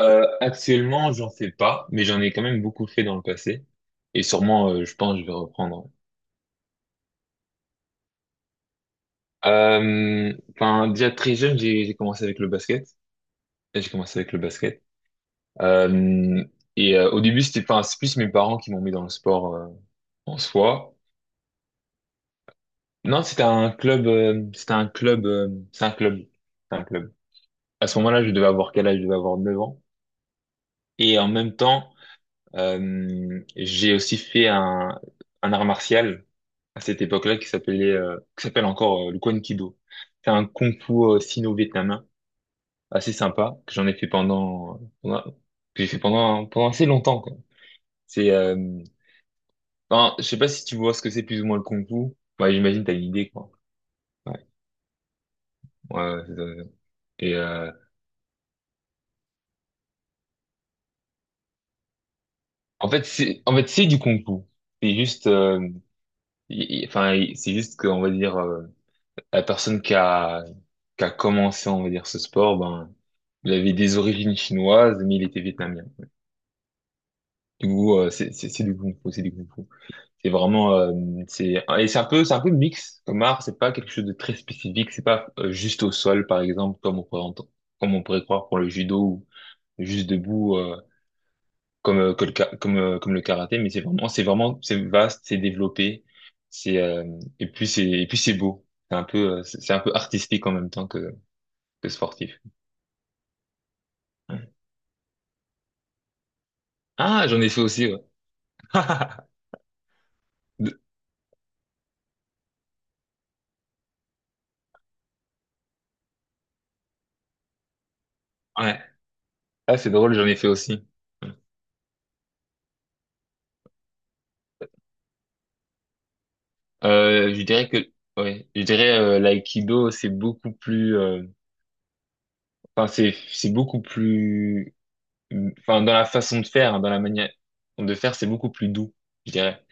Actuellement, j'en fais pas, mais j'en ai quand même beaucoup fait dans le passé. Et sûrement, je pense, que je vais reprendre. Enfin, déjà très jeune, j'ai commencé avec le basket. J'ai commencé avec le basket. Euh, Au début, c'était enfin, c'est plus mes parents qui m'ont mis dans le sport en soi. Non, c'était un club. C'était un club. C'est un club. C'est un club. À ce moment-là, je devais avoir quel âge? Je devais avoir 9 ans. Et en même temps, j'ai aussi fait un art martial à cette époque-là qui s'appelait, qui s'appelle encore le Kwan Kido. C'est un kung-fu sino-vietnamien assez sympa que j'ai fait pendant assez longtemps quoi. C'est, euh, enfin, je sais pas si tu vois ce que c'est plus ou moins le kung-fu. Ouais, j'imagine t'as une idée quoi. Ouais, ouais, ouais, c'est ça, c'est ça. Et euh, En fait c'est du kung-fu. C'est juste, il- Enfin c'est juste qu'on va dire la personne qui a commencé on va dire ce sport, ben il avait des origines chinoises mais il était vietnamien. Du coup, c'est du kung fu, c'est du kung fu. C'est vraiment, c'est et c'est un peu, C'est un peu mix comme art. C'est pas quelque chose de très spécifique. C'est pas juste au sol, par exemple, comme on pourrait croire pour le judo ou juste debout, comme que le ka- comme comme le karaté. Mais c'est vraiment, c'est vaste, c'est développé. C'est et puis c'est Et puis c'est beau. C'est un peu artistique en même temps que sportif. Ouais. Ah, j'en ai fait aussi. Ouais. De- ouais. Ah, c'est drôle, j'en ai fait aussi. Je dirais que ouais, je dirais l'aïkido c'est beaucoup plus enfin c'est beaucoup plus enfin dans la façon de faire, hein, dans la manière de faire, c'est beaucoup plus doux, je dirais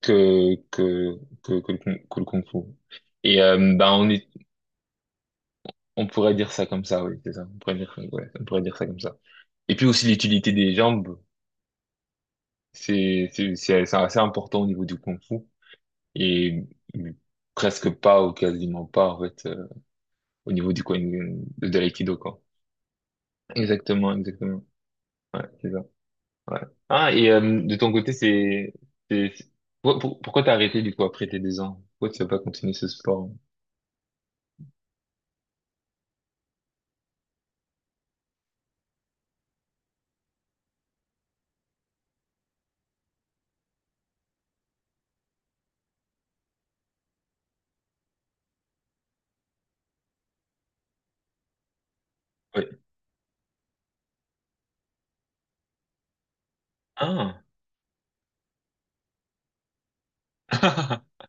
que que que le kung-fu. Bah on pourrait dire ça comme ça, oui, c'est ça. On pourrait dire ouais, on pourrait dire ça comme ça. Et puis aussi l'utilité des jambes, c'est assez important au niveau du kung-fu et presque pas ou quasiment pas en fait au niveau du coin de l'aïkido, quoi. Exactement, exactement. Ouais, c'est ça. Ouais. Ah, de ton côté, c'est- c'est- pourquoi t'as arrêté, du coup, après tes 2 ans? Pourquoi tu n'as pas continué ce sport? Ouais. Ah!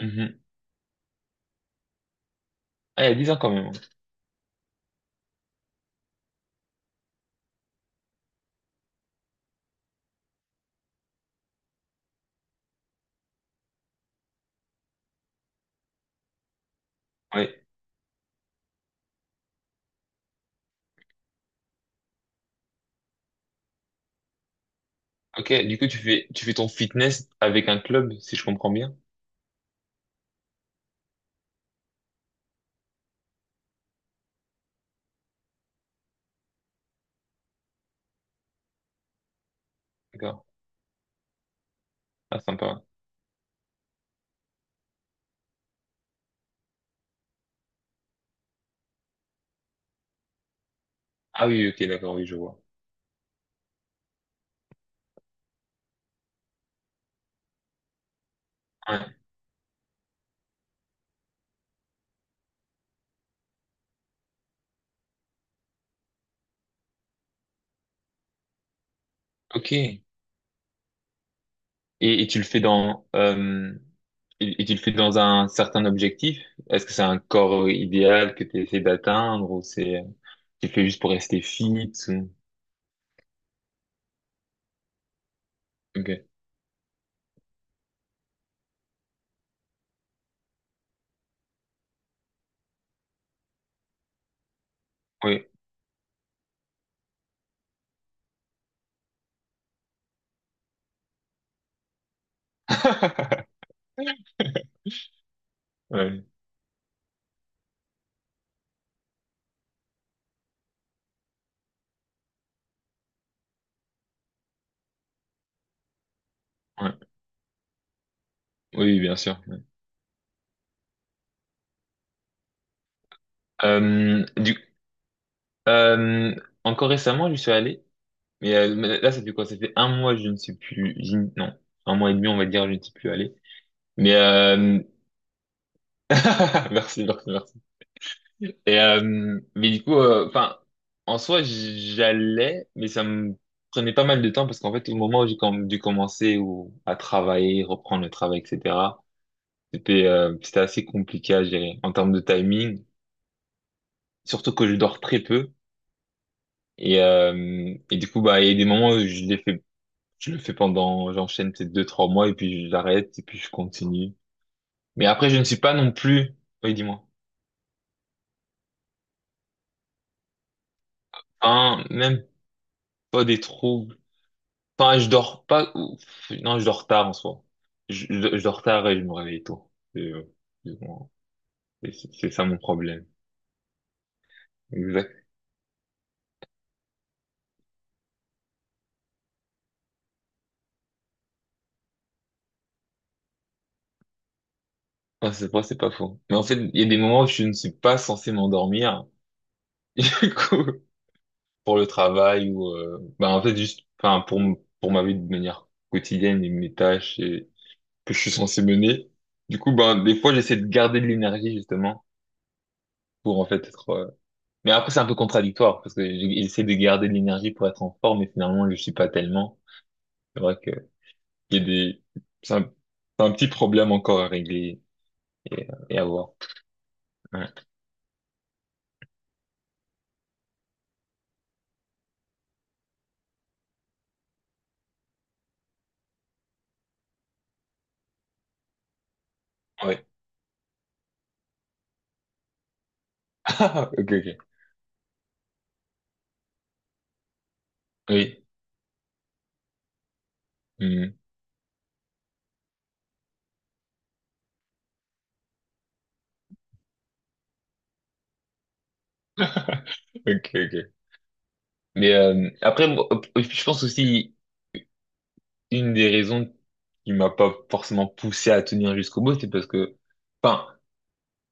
Mhm. Ah, il y a 10 ans quand même. Ouais. Ok, du coup, tu fais ton fitness avec un club, si je comprends bien. D'accord. Ah, sympa. Ah oui, ok, d'accord, oui, je vois. Ouais. Ok. Et, et tu le fais dans euh, et tu le fais dans un certain objectif? Est-ce que c'est un corps idéal que tu essaies d'atteindre ou c'est tu le fais juste pour rester fit ou. Ok. Oui. Ouais. Ouais. Oui, bien sûr. Ouais. Euh, du, euh, Encore récemment, je suis allé, mais là, ça fait quoi? Ça fait un mois, je ne suis plus, non, un mois et demi, on va dire, je ne suis plus allé. Mais. Merci, merci, merci. Mais du coup, enfin, en soi, j'allais, mais ça me prenait pas mal de temps parce qu'en fait, au moment où dû commencer ou à travailler, reprendre le travail, etc., c'était assez compliqué à gérer en termes de timing, surtout que je dors très peu. Du coup, bah, il y a des moments où je l'ai fait, je le fais pendant, j'enchaîne peut-être 2, 3 mois et puis j'arrête et puis je continue. Mais après, je ne suis pas non plus, oui, dis-moi, un, même pas des troubles. Enfin, je dors pas. Non, je dors tard en soi. Je dors tard et je me réveille tôt. Bon, et c'est ça mon problème. Exact. Ah, c'est vrai, c'est pas faux. Mais en fait, il y a des moments où je ne suis pas censé m'endormir. Du coup, pour le travail ou, bah, en fait, juste, enfin, pour ma vie de manière quotidienne et mes tâches et que je suis censé mener. Du coup, ben, des fois, j'essaie de garder de l'énergie, justement, pour, en fait, être. Mais après, c'est un peu contradictoire parce que j'essaie de garder de l'énergie pour être en forme, mais finalement, je suis pas tellement. C'est vrai que il y a des, c'est un, c'est un petit problème encore à régler à voir. Ouais. Ouais. Ok, ok. Oui. Hmm. Ok, ok. Mais après, moi, je pense aussi une des raisons qui m'a pas forcément poussé à tenir jusqu'au bout, c'est parce que, enfin,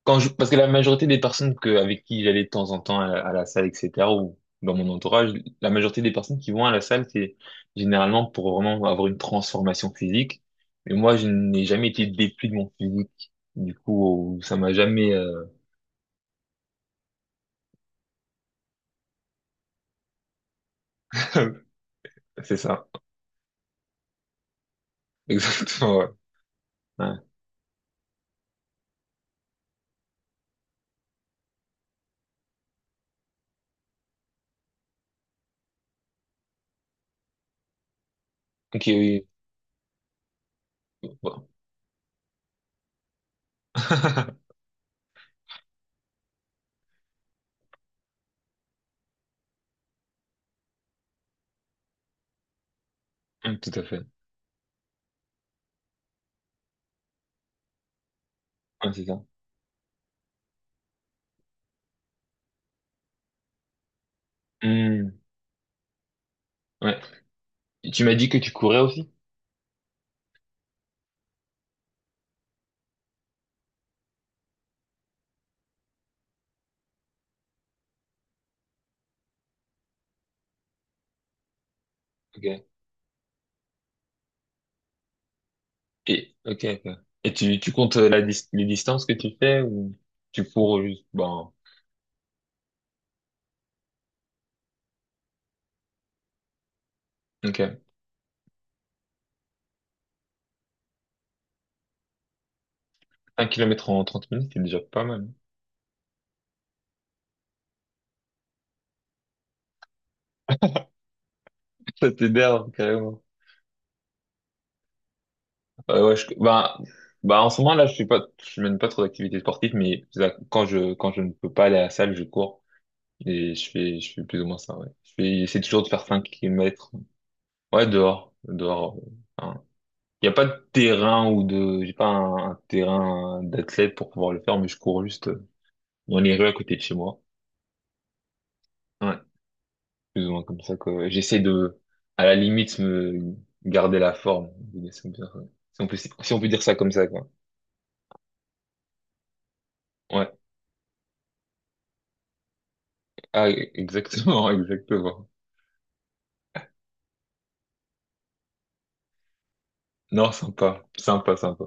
Parce que la majorité des personnes que, avec qui j'allais de temps en temps à la salle, etc., ou dans mon entourage, la majorité des personnes qui vont à la salle, c'est généralement pour vraiment avoir une transformation physique. Mais moi, je n'ai jamais été déplu de mon physique. Du coup, ça m'a jamais. C'est ça. Exactement, ouais. Ouais. Ok, oui. Ouais. Tout à fait. Ouais, c'est ça. Hmm, ouais. Et tu m'as dit que tu courais aussi? Ok. Et, ok, ok. Et tu comptes les distances que tu fais ou tu cours juste, bon, ok. 1 kilomètre en 30 minutes, c'est déjà pas mal. Ça t'énerve, carrément. Ouais, ouais, bah, en ce moment, là, je suis pas, je mène pas trop d'activités sportives, mais ça, quand je ne peux pas aller à la salle, je cours. Et je fais plus ou moins ça, ouais. J'essaie toujours de faire 5 kilomètres. Ouais, dehors, dehors. Enfin, il n'y a pas de terrain ou de, j'ai pas un terrain d'athlète pour pouvoir le faire, mais je cours juste dans les rues à côté de chez moi. Ouais, plus ou moins comme ça, quoi. J'essaie de, à la limite, me garder la forme. On peut dire Si on peut dire ça comme ça, quoi. Ouais. Ah, exactement, exactement. Non, sympa, sympa, sympa.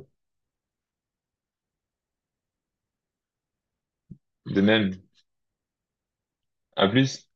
De même. À plus.